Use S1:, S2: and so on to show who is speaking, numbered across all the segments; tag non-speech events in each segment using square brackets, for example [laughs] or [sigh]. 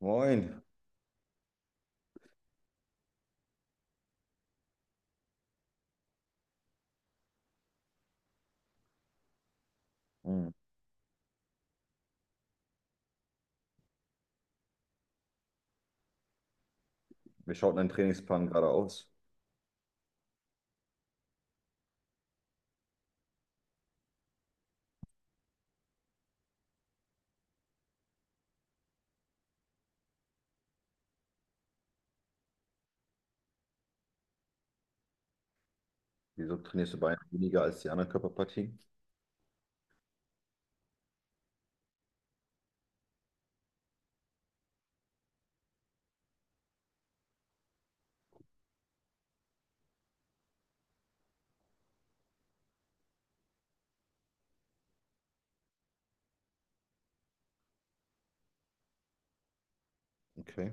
S1: Moin. Hm. Wie schaut dein Trainingsplan gerade aus? Wieso trainierst du Beine weniger als die anderen Körperpartien? Okay,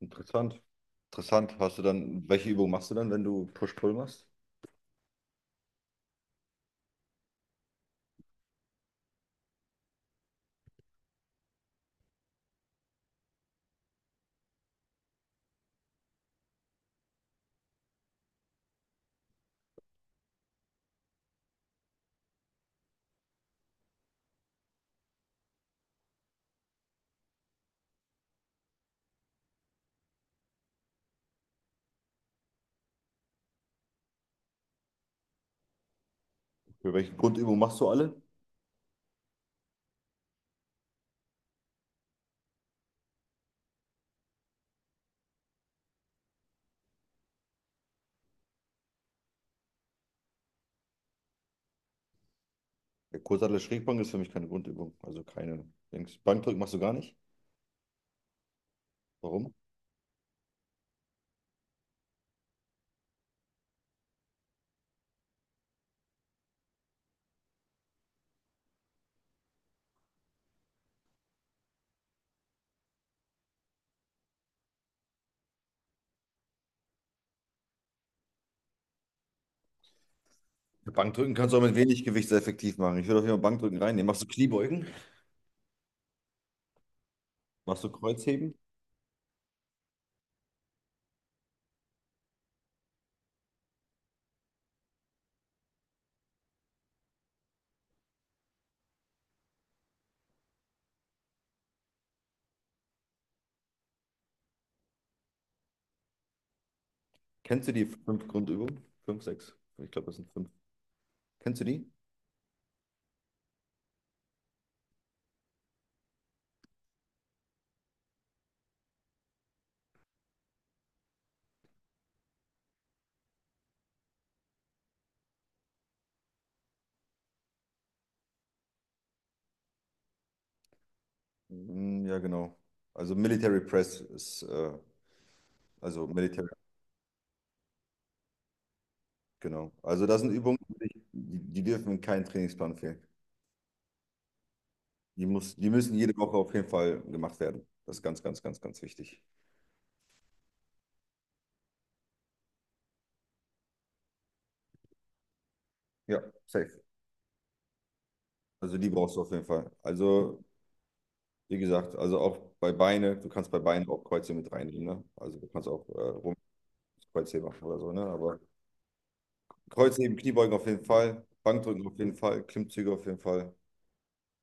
S1: interessant. Interessant. Hast du dann, welche Übung machst du dann, wenn du Push-Pull machst? Für welche Grundübung machst du alle? Der Kurzhantel Schrägbank ist für mich keine Grundübung, also keine Dings. Bankdrücken machst du gar nicht. Warum? Ja, Bankdrücken kannst du auch mit wenig Gewicht sehr effektiv machen. Ich würde auf jeden Fall Bankdrücken reinnehmen. Machst du Kniebeugen? Machst du Kreuzheben? Kennst du die fünf Grundübungen? Fünf, sechs. Ich glaube, das sind fünf. Kennst du die? Mm, ja, genau. Also Military Press ist, also Military, genau. Also das sind Übungen, die dürfen in keinen Trainingsplan fehlen. Die müssen jede Woche auf jeden Fall gemacht werden. Das ist ganz, ganz, ganz, ganz wichtig. Ja, safe. Also die brauchst du auf jeden Fall. Also, wie gesagt, also auch bei Beine, du kannst bei Beinen auch Kreuzheben mit reinnehmen, ne? Also du kannst auch Rumpf Kreuzheben machen oder so, ne? Aber Kreuzheben, Kniebeugen auf jeden Fall, Bankdrücken auf jeden Fall, Klimmzüge auf jeden Fall.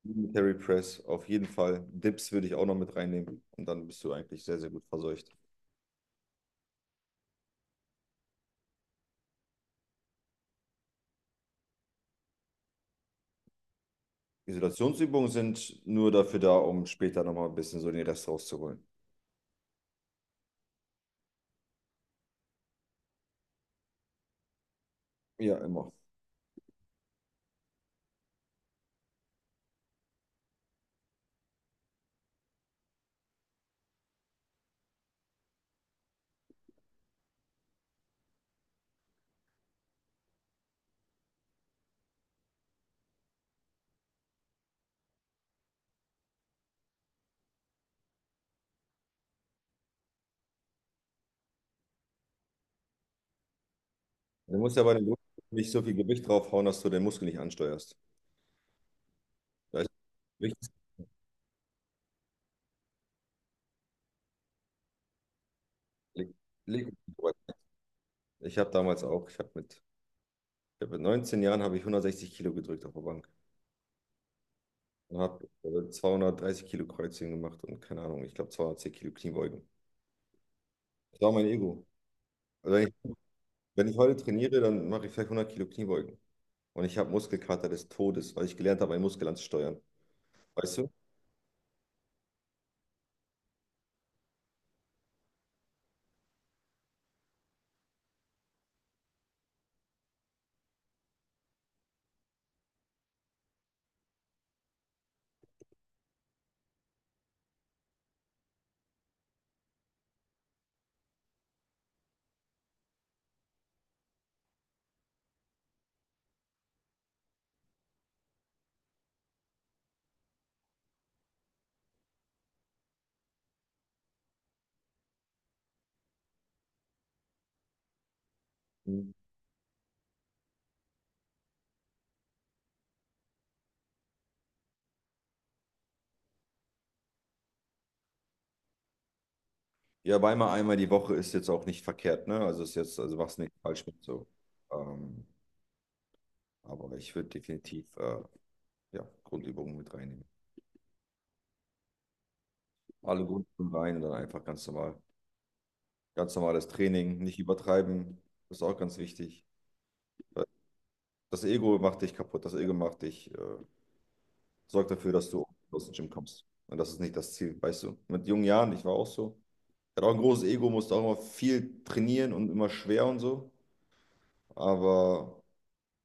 S1: Military Press, auf jeden Fall. Dips würde ich auch noch mit reinnehmen. Und dann bist du eigentlich sehr, sehr gut verseucht. Isolationsübungen sind nur dafür da, um später nochmal ein bisschen so den Rest rauszuholen. Ja, immer. Du musst ja bei den Brüsten nicht so viel Gewicht draufhauen, dass du den Muskel nicht ansteuerst. Da ist wichtig, leg, leg ich habe damals auch, ich hab mit 19 Jahren habe ich 160 Kilo gedrückt auf der Bank und habe 230 Kilo Kreuzheben gemacht und keine Ahnung, ich glaube 210 Kilo Kniebeugen. Das war mein Ego. Also wenn Wenn ich heute trainiere, dann mache ich vielleicht 100 Kilo Kniebeugen. Und ich habe Muskelkater des Todes, weil ich gelernt habe, meinen Muskel anzusteuern. Weißt du? Mhm. Ja, aber einmal die Woche ist jetzt auch nicht verkehrt, ne? Also ist jetzt, also machst nicht falsch mit so. Ähm, aber ich würde definitiv ja, Grundübungen mit reinnehmen. Alle Grundübungen rein und dann einfach ganz normal, ganz normales Training, nicht übertreiben. Das ist auch ganz wichtig. Das Ego macht dich, sorgt dafür, dass du aus dem Gym kommst. Und das ist nicht das Ziel, weißt du? Mit jungen Jahren, ich war auch so. Hat auch ein großes Ego, musste auch immer viel trainieren und immer schwer und so. Aber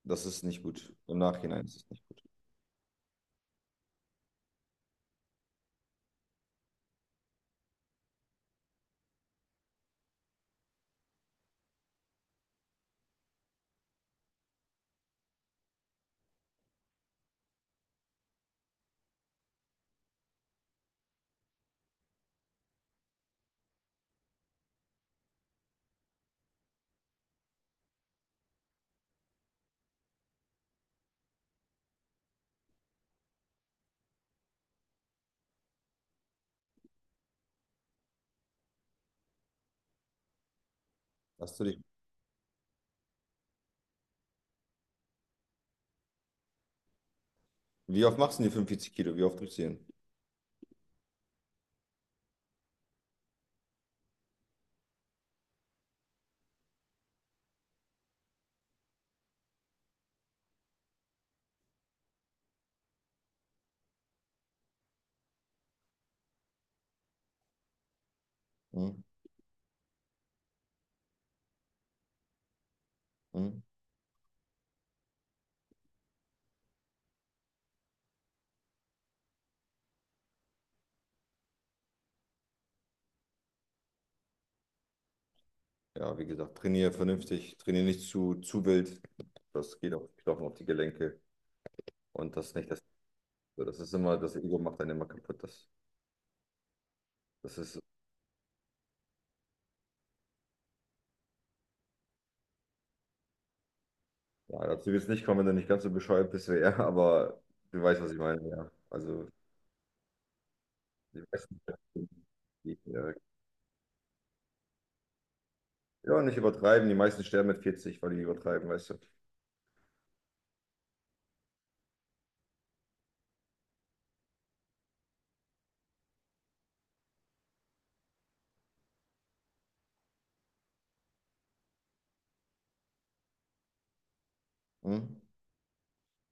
S1: das ist nicht gut. Im Nachhinein ist es nicht gut. Hast du dich, wie oft machst du denn die 45 Kilo? Wie oft drückst du die hin? Hm? Hm? Ja, wie gesagt, trainiere vernünftig, trainiere nicht zu wild. Das geht auf die Knochen, auf die Gelenke. Und das ist nicht das. Das ist immer, das Ego macht einen immer kaputt. Das ist, ja, dazu wird es nicht kommen, wenn du nicht ganz so bescheuert bist wie er, [laughs] aber du weißt, was ich meine, ja. Also, ich weiß nicht, wie ich, ja, nicht übertreiben. Die meisten sterben mit 40, weil die übertreiben, weißt du. Hm?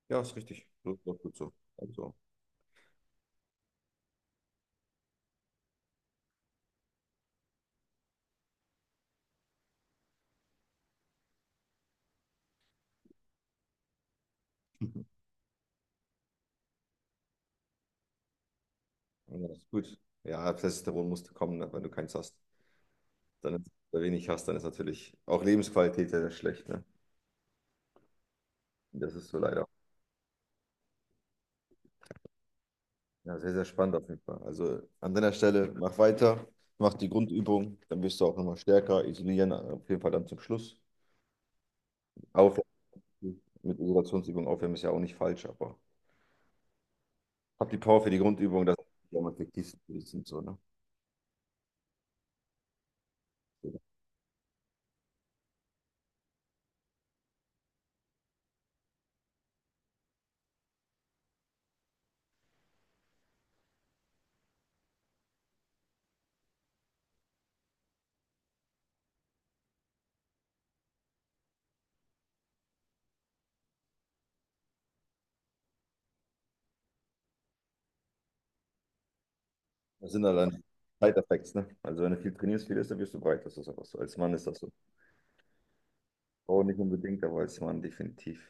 S1: Ja, ist richtig. Das ist doch gut so. Also, [laughs] ja, ist gut. Ja, Testosteron musste kommen, ne, wenn du keins hast. Dann, ist- wenn du wenig hast, dann ist natürlich auch Lebensqualität sehr, sehr schlecht. Ne? Das ist so leider. Ja, sehr, sehr spannend auf jeden Fall. Also an deiner Stelle, mach weiter, mach die Grundübung, dann wirst du auch nochmal stärker. Isolieren auf jeden Fall dann zum Schluss. Aufwärmen mit Isolationsübung aufwärmen ist ja auch nicht falsch, aber hab die Power für die Grundübung, das ist ja am effektivsten. Für dich und So, ne? So. Das sind allein Side-Effects, ne? Also wenn du viel trainierst, viel isst, dann wirst du breit. Das ist einfach so. Als Mann ist das so. Frau nicht unbedingt, aber als Mann definitiv.